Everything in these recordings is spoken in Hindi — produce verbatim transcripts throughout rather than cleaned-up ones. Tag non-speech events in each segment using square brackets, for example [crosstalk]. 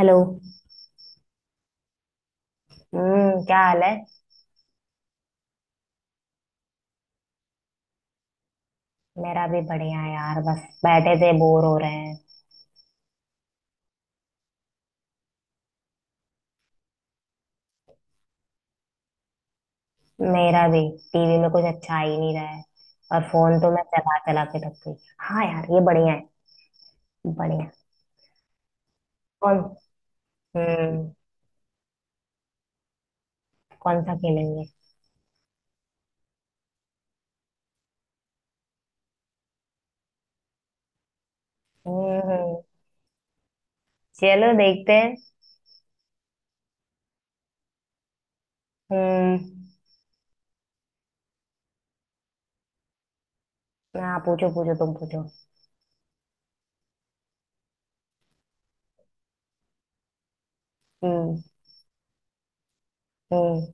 हेलो। हम्म, क्या हाल है। मेरा भी बढ़िया है यार, बस बैठे थे, बोर हो रहे हैं। मेरा भी। टीवी में कुछ अच्छा आ ही नहीं रहा है और फोन तो मैं चला चला के थक गई। हाँ यार, ये बढ़िया है। बढ़िया। कौन। हम्म। कौन सा खेलेंगे। हम्म। चलो देखते हैं। हम्म। हाँ, पूछो पूछो तुम पूछो। हम्म। हम्म।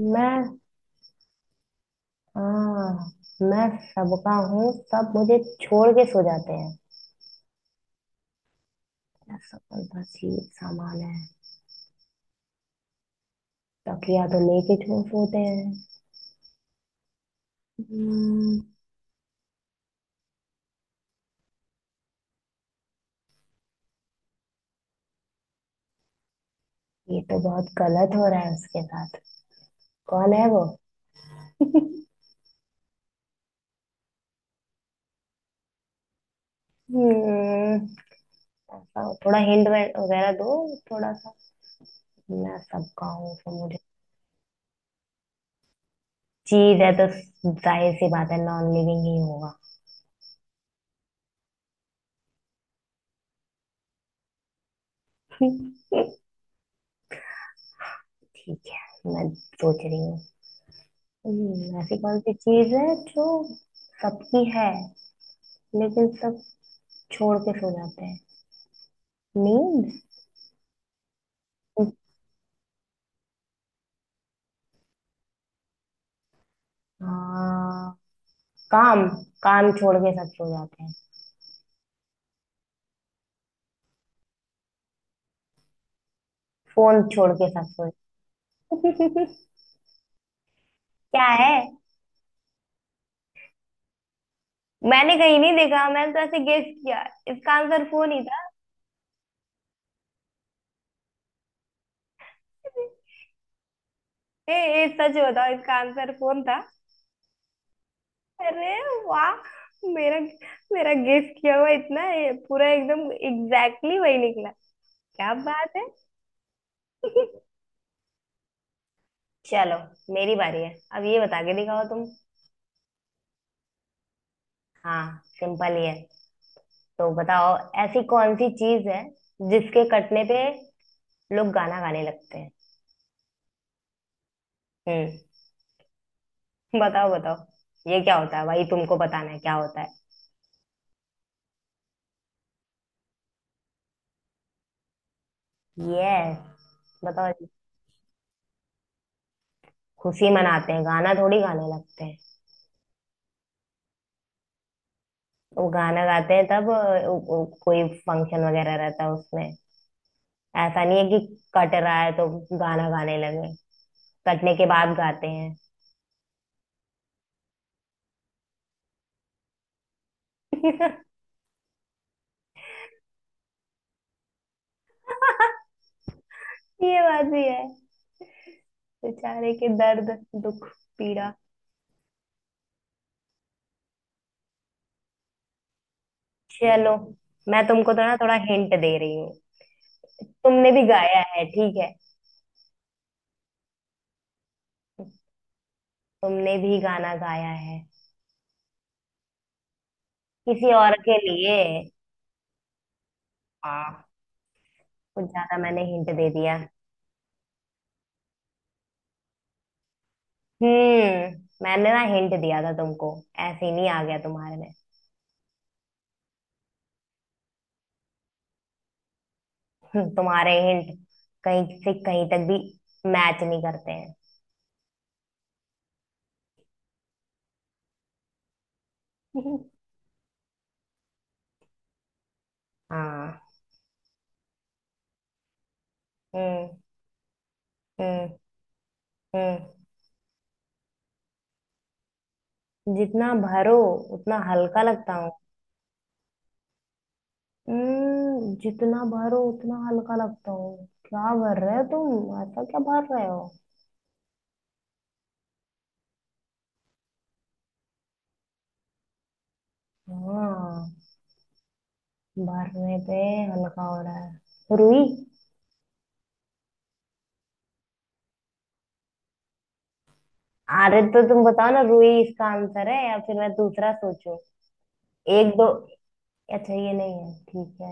मैं। हाँ। मैं सबका हूँ, सब मुझे छोड़ के सो जाते हैं। मेरा सपना, चीज, सामान है। तब या तो लेके झूठ होते हैं। हम्म। ये तो बहुत गलत हो रहा है उसके साथ। कौन है वो। हम्म, ऐसा थोड़ा हिंट वगैरह दो। थोड़ा सा। मैं सबका हूँ तो मुझे। चीज है तो जाहिर सी बात है नॉन लिविंग ही होगा। [laughs] ठीक है, मैं सोच रही हूँ। हम्म, ऐसी कौन सी चीज है जो सबकी है लेकिन सब छोड़ के सो जाते हैं। नींद। हाँ। काम। काम छोड़ के सब सो जाते हैं। फोन छोड़ के सब सो जाते हैं। [laughs] क्या है। मैंने कहीं नहीं देखा, मैंने तो ऐसे गेस किया। इसका आंसर फोन ही था। [laughs] ए, ए सच बताओ, इसका आंसर फोन था। अरे वाह। मेरा। मेरा गेस किया हुआ इतना ये पूरा एकदम एग्जैक्टली exactly वही निकला। क्या बात है। [laughs] चलो, मेरी बारी है। अब ये बता के दिखाओ तुम। हाँ सिंपल ही है। तो बताओ, ऐसी कौन सी चीज है जिसके कटने पे लोग गाना गाने लगते हैं। हम्म। बताओ बताओ, ये क्या होता है भाई, तुमको बताना है क्या होता है। यस, बताओ। खुशी मनाते हैं, गाना थोड़ी गाने लगते हैं। वो गाना गाते हैं तब अ, वो- वो कोई फंक्शन वगैरह रहता है उसमें। ऐसा नहीं है कि कट रहा है तो गाना गाने लगे। कटने के बाद गाते हैं। [laughs] ये बात भी है। बेचारे के दर्द, दुख, पीड़ा। चलो, मैं तुमको तो ना थोड़ा हिंट दे रही हूँ। तुमने भी गाया है, ठीक है। तुमने भी गाना गाया है किसी और के लिए। हाँ। कुछ ज्यादा मैंने हिंट दे दिया। हम्म। मैंने ना हिंट दिया था तुमको, ऐसे ही नहीं आ गया तुम्हारे में। हम्म, तुम्हारे हिंट कहीं से कहीं तक भी मैच नहीं करते हैं। [laughs] हाँ। हम्म। हम्म। हम्म। जितना भरो उतना हल्का लगता हूँ। हम्म, जितना भरो उतना हल्का लगता हूँ, क्या भर रहे हो तुम, ऐसा क्या भर रहे हो। हाँ, भरने पे हल्का हो रहा है, रुई। अरे तो तुम बताओ ना, रुई इसका आंसर है या फिर मैं दूसरा सोचूं। एक दो। अच्छा ये नहीं है, ठीक है।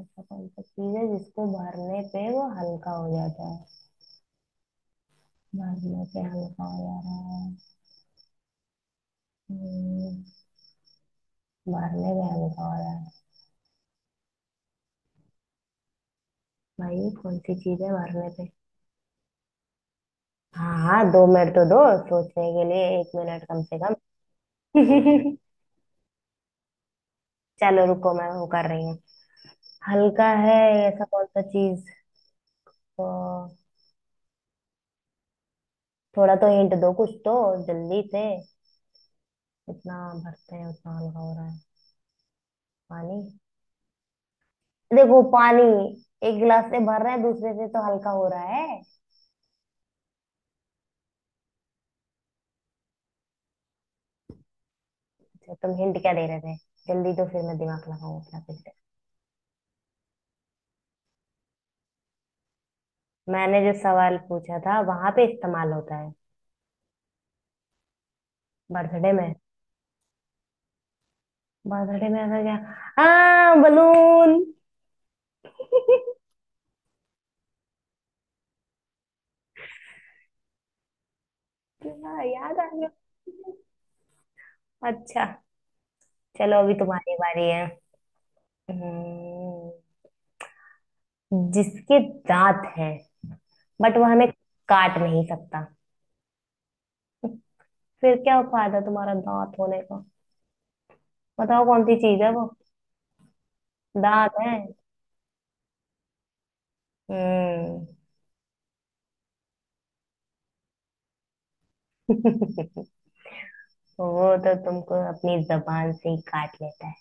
ऐसा कौन सा चीज है जिसको भरने पे वो हल्का हो जाता है। भरने पे हल्का हो जा रहा है। हम्म, भरने पे हल्का हो रहा है। भाई कौन सी चीज है मारने पे। हाँ हाँ, दो मिनट तो दो, सोचने के लिए एक मिनट कम से कम। [laughs] चलो रुको, मैं वो कर रही हूँ। हल्का है। ऐसा कौन सा चीज, तो थोड़ा तो हिंट दो कुछ तो, जल्दी से। जितना भरते हैं उतना हल्का हो रहा है। पानी। देखो पानी, एक गिलास से भर रहे हैं दूसरे से तो हल्का हो रहा है। अच्छा, तुम हिंट क्या दे रहे थे जल्दी, तो फिर मैं दिमाग लगाऊं अपना फिर से। मैंने जो सवाल पूछा था वहां पे इस्तेमाल होता है। बर्थडे में। बर्थडे में ऐसा क्या। हाँ, बलून। क्या याद आ गया। अच्छा। चलो अभी तुम्हारी बारी है। हम्म, जिसके दांत हैं बट वो हमें काट नहीं सकता, फिर क्या फायदा तुम्हारा दांत होने का। बताओ कौन सी चीज है वो। दांत है। हम्म। [laughs] वो तो तुमको अपनी जबान से ही काट लेता है,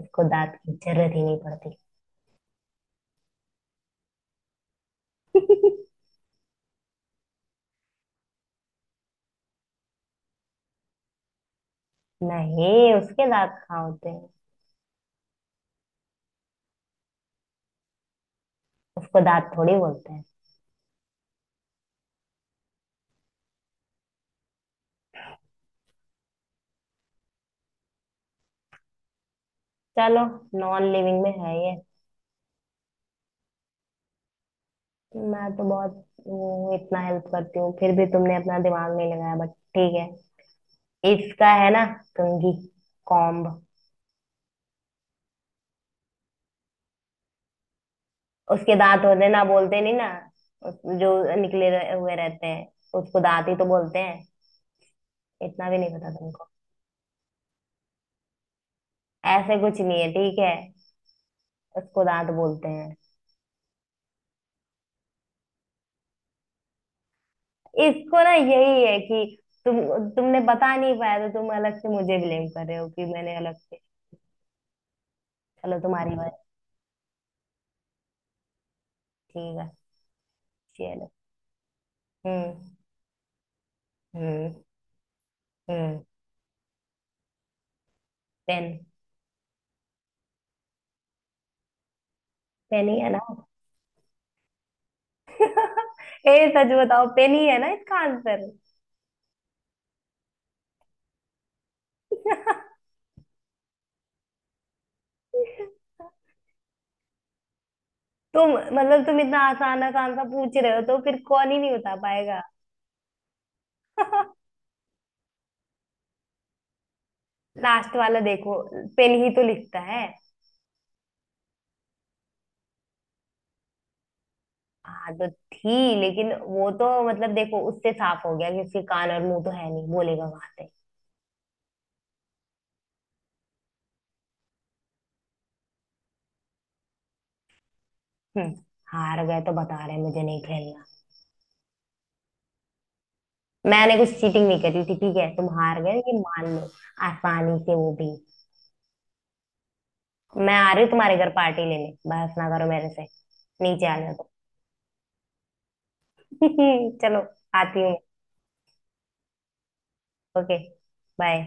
उसको दांत की जरूरत ही नहीं पड़ती। नहीं, उसके दांत कहाँ होते हैं। उसको दांत थोड़ी बोलते हैं। चलो, नॉन लिविंग में है ये। मैं तो बहुत वो इतना हेल्प करती हूँ, फिर भी तुमने अपना दिमाग नहीं लगाया बट ठीक है। इसका है ना कंघी, कॉम्ब। उसके दांत होते हैं ना, बोलते नहीं ना। उस- जो निकले रह, हुए रहते हैं उसको दांत ही तो बोलते हैं। इतना भी नहीं पता तुमको। ऐसे कुछ नहीं है, ठीक है। उसको दांत बोलते हैं। इसको ना यही है कि तुम तुमने बता नहीं पाया तो तुम अलग से मुझे ब्लेम कर रहे हो कि मैंने अलग से। चलो तुम्हारी बात ठीक है, चलो। हम्म। हम्म। हम्म। पेन। पेन ही है ना। ए सच बताओ, पेन ही है ना इसका आंसर। तुम, मतलब तुम इतना आसान आसान सा पूछ रहे हो तो फिर कौन ही नहीं बता पाएगा। [laughs] लास्ट वाला देखो, पेन ही तो लिखता है। हाँ तो थी, लेकिन वो तो मतलब देखो, उससे साफ हो गया कि उसके कान और मुंह तो है नहीं, बोलेगा कहाँ से। हम्म, हार गए तो बता रहे मुझे नहीं खेलना। मैंने कुछ चीटिंग नहीं करी थी, ठीक है, तुम हार गए ये मान लो। आसानी से, वो भी। मैं आ रही हूँ तुम्हारे घर पार्टी लेने, बहस ना करो मेरे से, नीचे आने दो। [laughs] चलो, आती हूँ। ओके। बाय।